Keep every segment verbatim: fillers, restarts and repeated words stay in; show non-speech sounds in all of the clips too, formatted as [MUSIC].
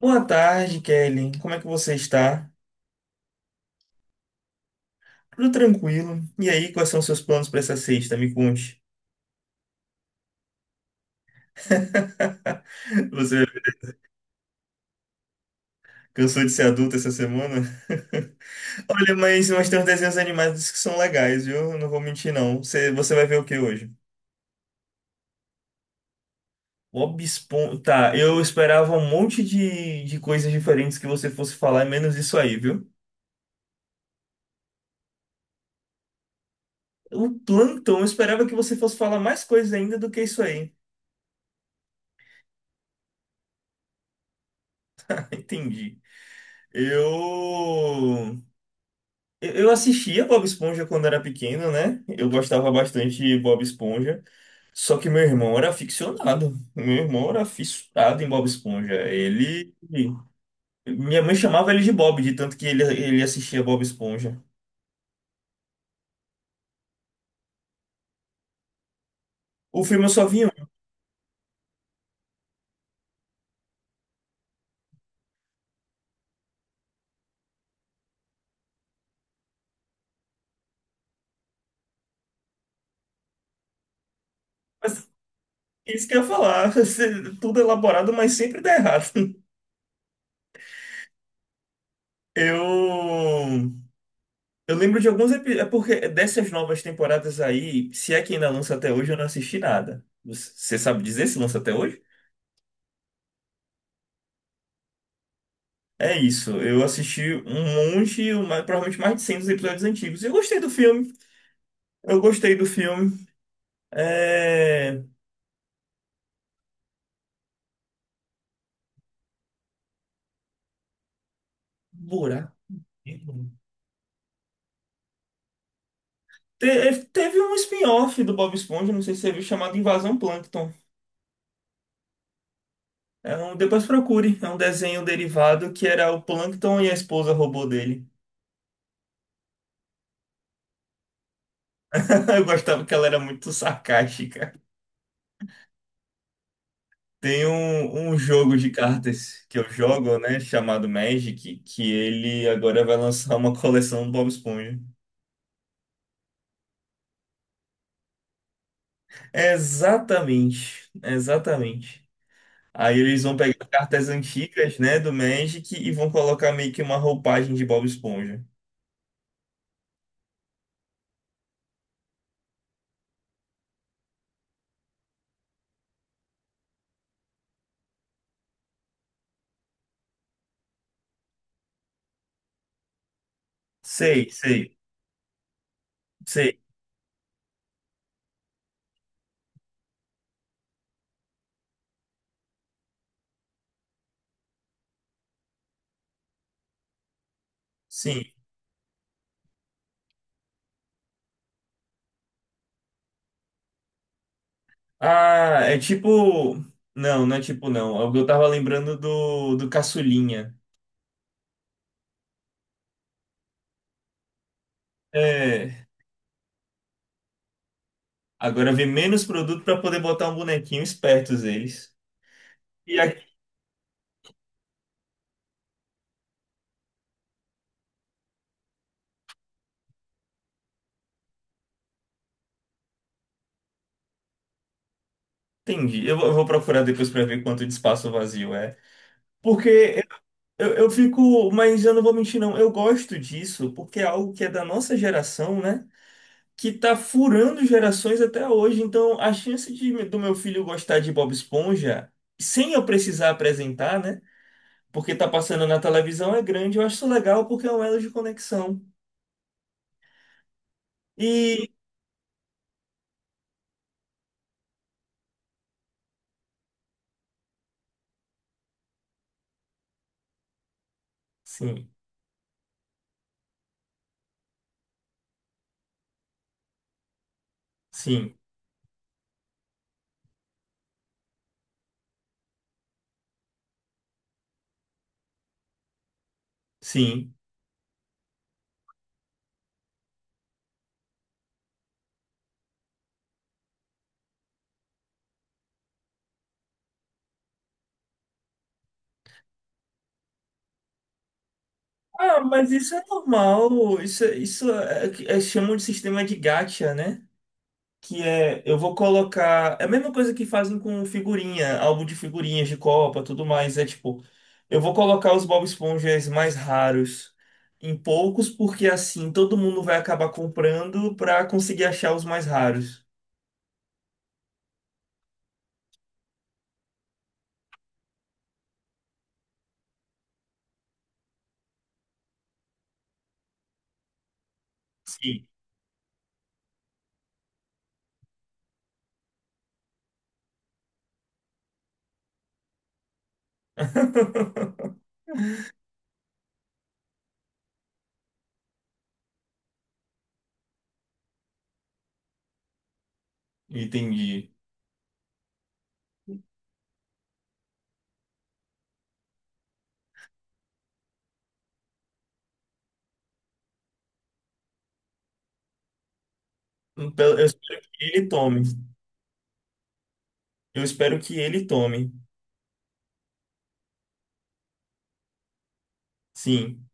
Boa tarde, Kelly. Como é que você está? Tudo tranquilo. E aí, quais são os seus planos para essa sexta? Me conte. [LAUGHS] Você cansou de ser adulto essa semana? [LAUGHS] Olha, mas, mas tem uns desenhos animados que são legais, viu? Eu não vou mentir, não. Você, você vai ver o que hoje? Bob Esponja. Tá, eu esperava um monte de, de coisas diferentes que você fosse falar, menos isso aí, viu? O Plantão, eu esperava que você fosse falar mais coisas ainda do que isso aí. [LAUGHS] Entendi. Eu. Eu eu assistia Bob Esponja quando era pequeno, né? Eu gostava bastante de Bob Esponja. Só que meu irmão era aficionado. Meu irmão era fissurado em Bob Esponja. Ele. Minha mãe chamava ele de Bob, de tanto que ele, ele assistia Bob Esponja. O filme eu só vi um, mas é isso que eu ia falar. [LAUGHS] Tudo elaborado, mas sempre dá errado. Eu. Eu lembro de alguns episódios. É porque dessas novas temporadas aí, se é que ainda lança até hoje, eu não assisti nada. Você sabe dizer se lança até hoje? É isso, eu assisti um monte, uma- provavelmente mais de cem dos episódios antigos. E eu gostei do filme, eu gostei do filme. É... Buraco. Negro? Te- é, teve um spin-off do Bob Esponja, não sei se você viu, chamado Invasão Plâncton. É um... Depois procure, é um desenho derivado que era o Plâncton e a esposa robô dele. [LAUGHS] Eu gostava que ela era muito sarcástica. Tem um, um jogo de cartas que eu jogo, né, chamado Magic, que ele agora vai lançar uma coleção do Bob Esponja. Exatamente, exatamente. Aí eles vão pegar cartas antigas, né, do Magic e vão colocar meio que uma roupagem de Bob Esponja. Sei, sei, sei, sim. Ah, é tipo. Não, não é tipo não. É, eu tava lembrando do, do Caçulinha. É. Agora vem menos produto para poder botar um bonequinho, espertos eles. E aqui, entendi. Eu vou eu vou procurar depois para ver quanto de espaço vazio é. Porque Eu, eu fico, mas eu não vou mentir, não. Eu gosto disso porque é algo que é da nossa geração, né? Que tá furando gerações até hoje. Então, a chance de, do meu filho gostar de Bob Esponja, sem eu precisar apresentar, né? Porque tá passando na televisão é grande. Eu acho isso legal porque é um elo de conexão. E sim, sim, sim. Ah, mas isso é normal. Isso, é, isso é, é- é, chamam de sistema de gacha, né? Que é, eu vou colocar, é a mesma coisa que fazem com figurinha, álbum de figurinhas de Copa, tudo mais, é tipo, eu vou colocar os Bob Esponjas mais raros em poucos, porque assim todo mundo vai acabar comprando pra conseguir achar os mais raros. Sim. [LAUGHS] Entendi. Então, eu espero que ele tome. Eu espero que ele tome. Sim.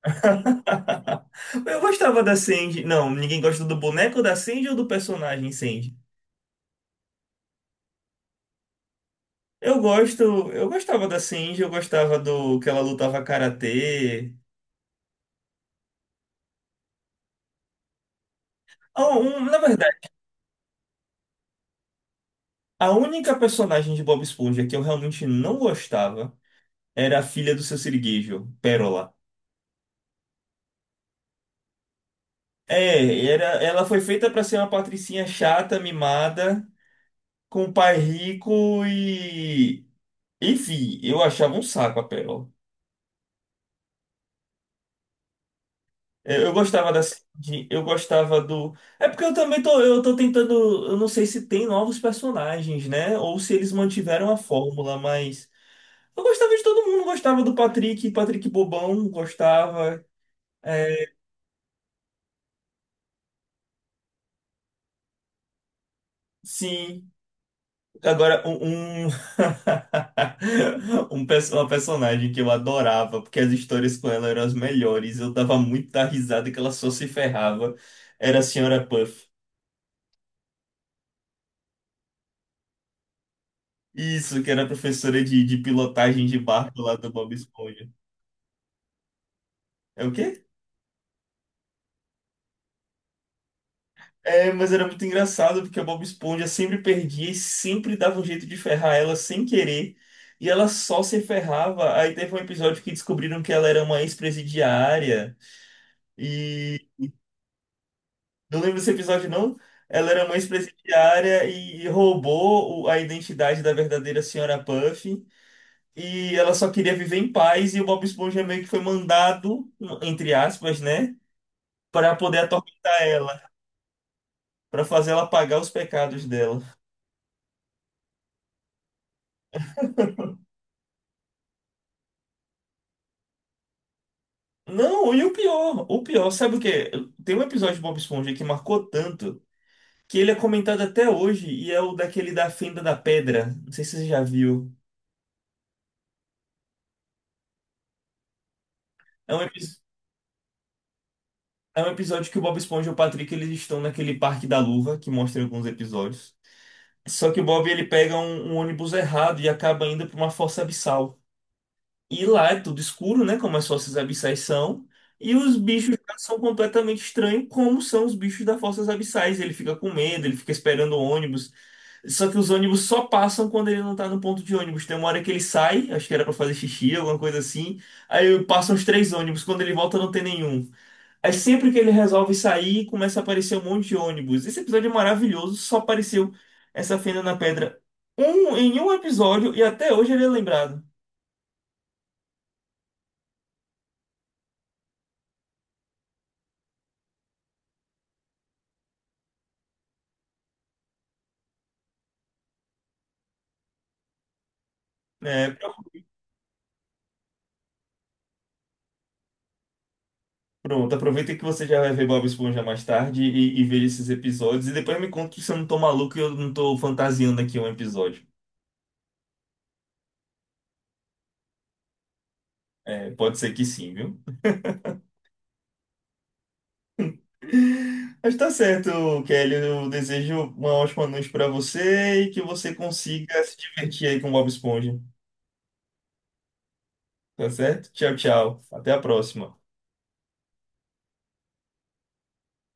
[LAUGHS] Eu gostava da Sandy. Não, ninguém gosta do boneco da Sandy ou do personagem Sandy? Eu gosto, eu gostava da Shinji, eu gostava do que ela lutava karatê. Ah, um- na verdade, a única personagem de Bob Esponja que eu realmente não gostava era a filha do seu Sirigueijo, Pérola. É, era, ela foi feita pra ser uma patricinha chata, mimada, com um pai rico e. Enfim, eu achava um saco a Pérola. Eu eu gostava dessa. de- Eu gostava do. É porque eu também tô. Eu tô tentando. Eu não sei se tem novos personagens, né? Ou se eles mantiveram a fórmula, mas. Eu gostava de todo mundo. Gostava do Patrick, Patrick Bobão, gostava. É, sim. Agora, um. Um, [LAUGHS] um perso- uma personagem que eu adorava, porque as histórias com ela eram as melhores. Eu dava muita risada que ela só se ferrava. Era a Senhora Puff. Isso, que era professora de, de pilotagem de barco lá do Bob Esponja. É o quê? É, mas era muito engraçado porque a Bob Esponja sempre perdia e sempre dava um jeito de ferrar ela sem querer. E ela só se ferrava. Aí teve um episódio que descobriram que ela era uma ex-presidiária. E não lembro desse episódio, não. Ela era uma ex-presidiária e roubou o- a identidade da verdadeira senhora Puff. E ela só queria viver em paz. E o Bob Esponja meio que foi mandado, entre aspas, né? Para poder atormentar ela, para fazer ela pagar os pecados dela. Não, e o pior, o pior, sabe o quê? Tem um episódio de Bob Esponja que marcou tanto que ele é comentado até hoje e é o daquele da Fenda da Pedra. Não sei se você já viu. É um, epi- é um episódio que o Bob Esponja e o Patrick eles estão naquele Parque da Luva que mostra em alguns episódios. Só que o Bob ele pega um, um ônibus errado e acaba indo para uma fossa abissal. E lá é tudo escuro, né? Como as fossas abissais são. E os bichos já são completamente estranhos, como são os bichos das fossas abissais. Ele fica com medo, ele fica esperando o ônibus. Só que os ônibus só passam quando ele não tá no ponto de ônibus. Tem uma hora que ele sai, acho que era pra fazer xixi, alguma coisa assim. Aí passam os três ônibus, quando ele volta não tem nenhum. Aí sempre que ele resolve sair, começa a aparecer um monte de ônibus. Esse episódio é maravilhoso, só apareceu essa fenda na pedra um, em um episódio e até hoje ele é lembrado. Pronto, aproveita que você já vai ver Bob Esponja mais tarde e, e veja esses episódios. E depois me conta se eu não tô maluco e eu não tô fantasiando aqui um episódio. É, pode ser que sim, viu? Mas tá certo, Kelly. Eu desejo uma ótima noite pra você e que você consiga se divertir aí com Bob Esponja. Tá certo? Tchau, tchau. Até a próxima.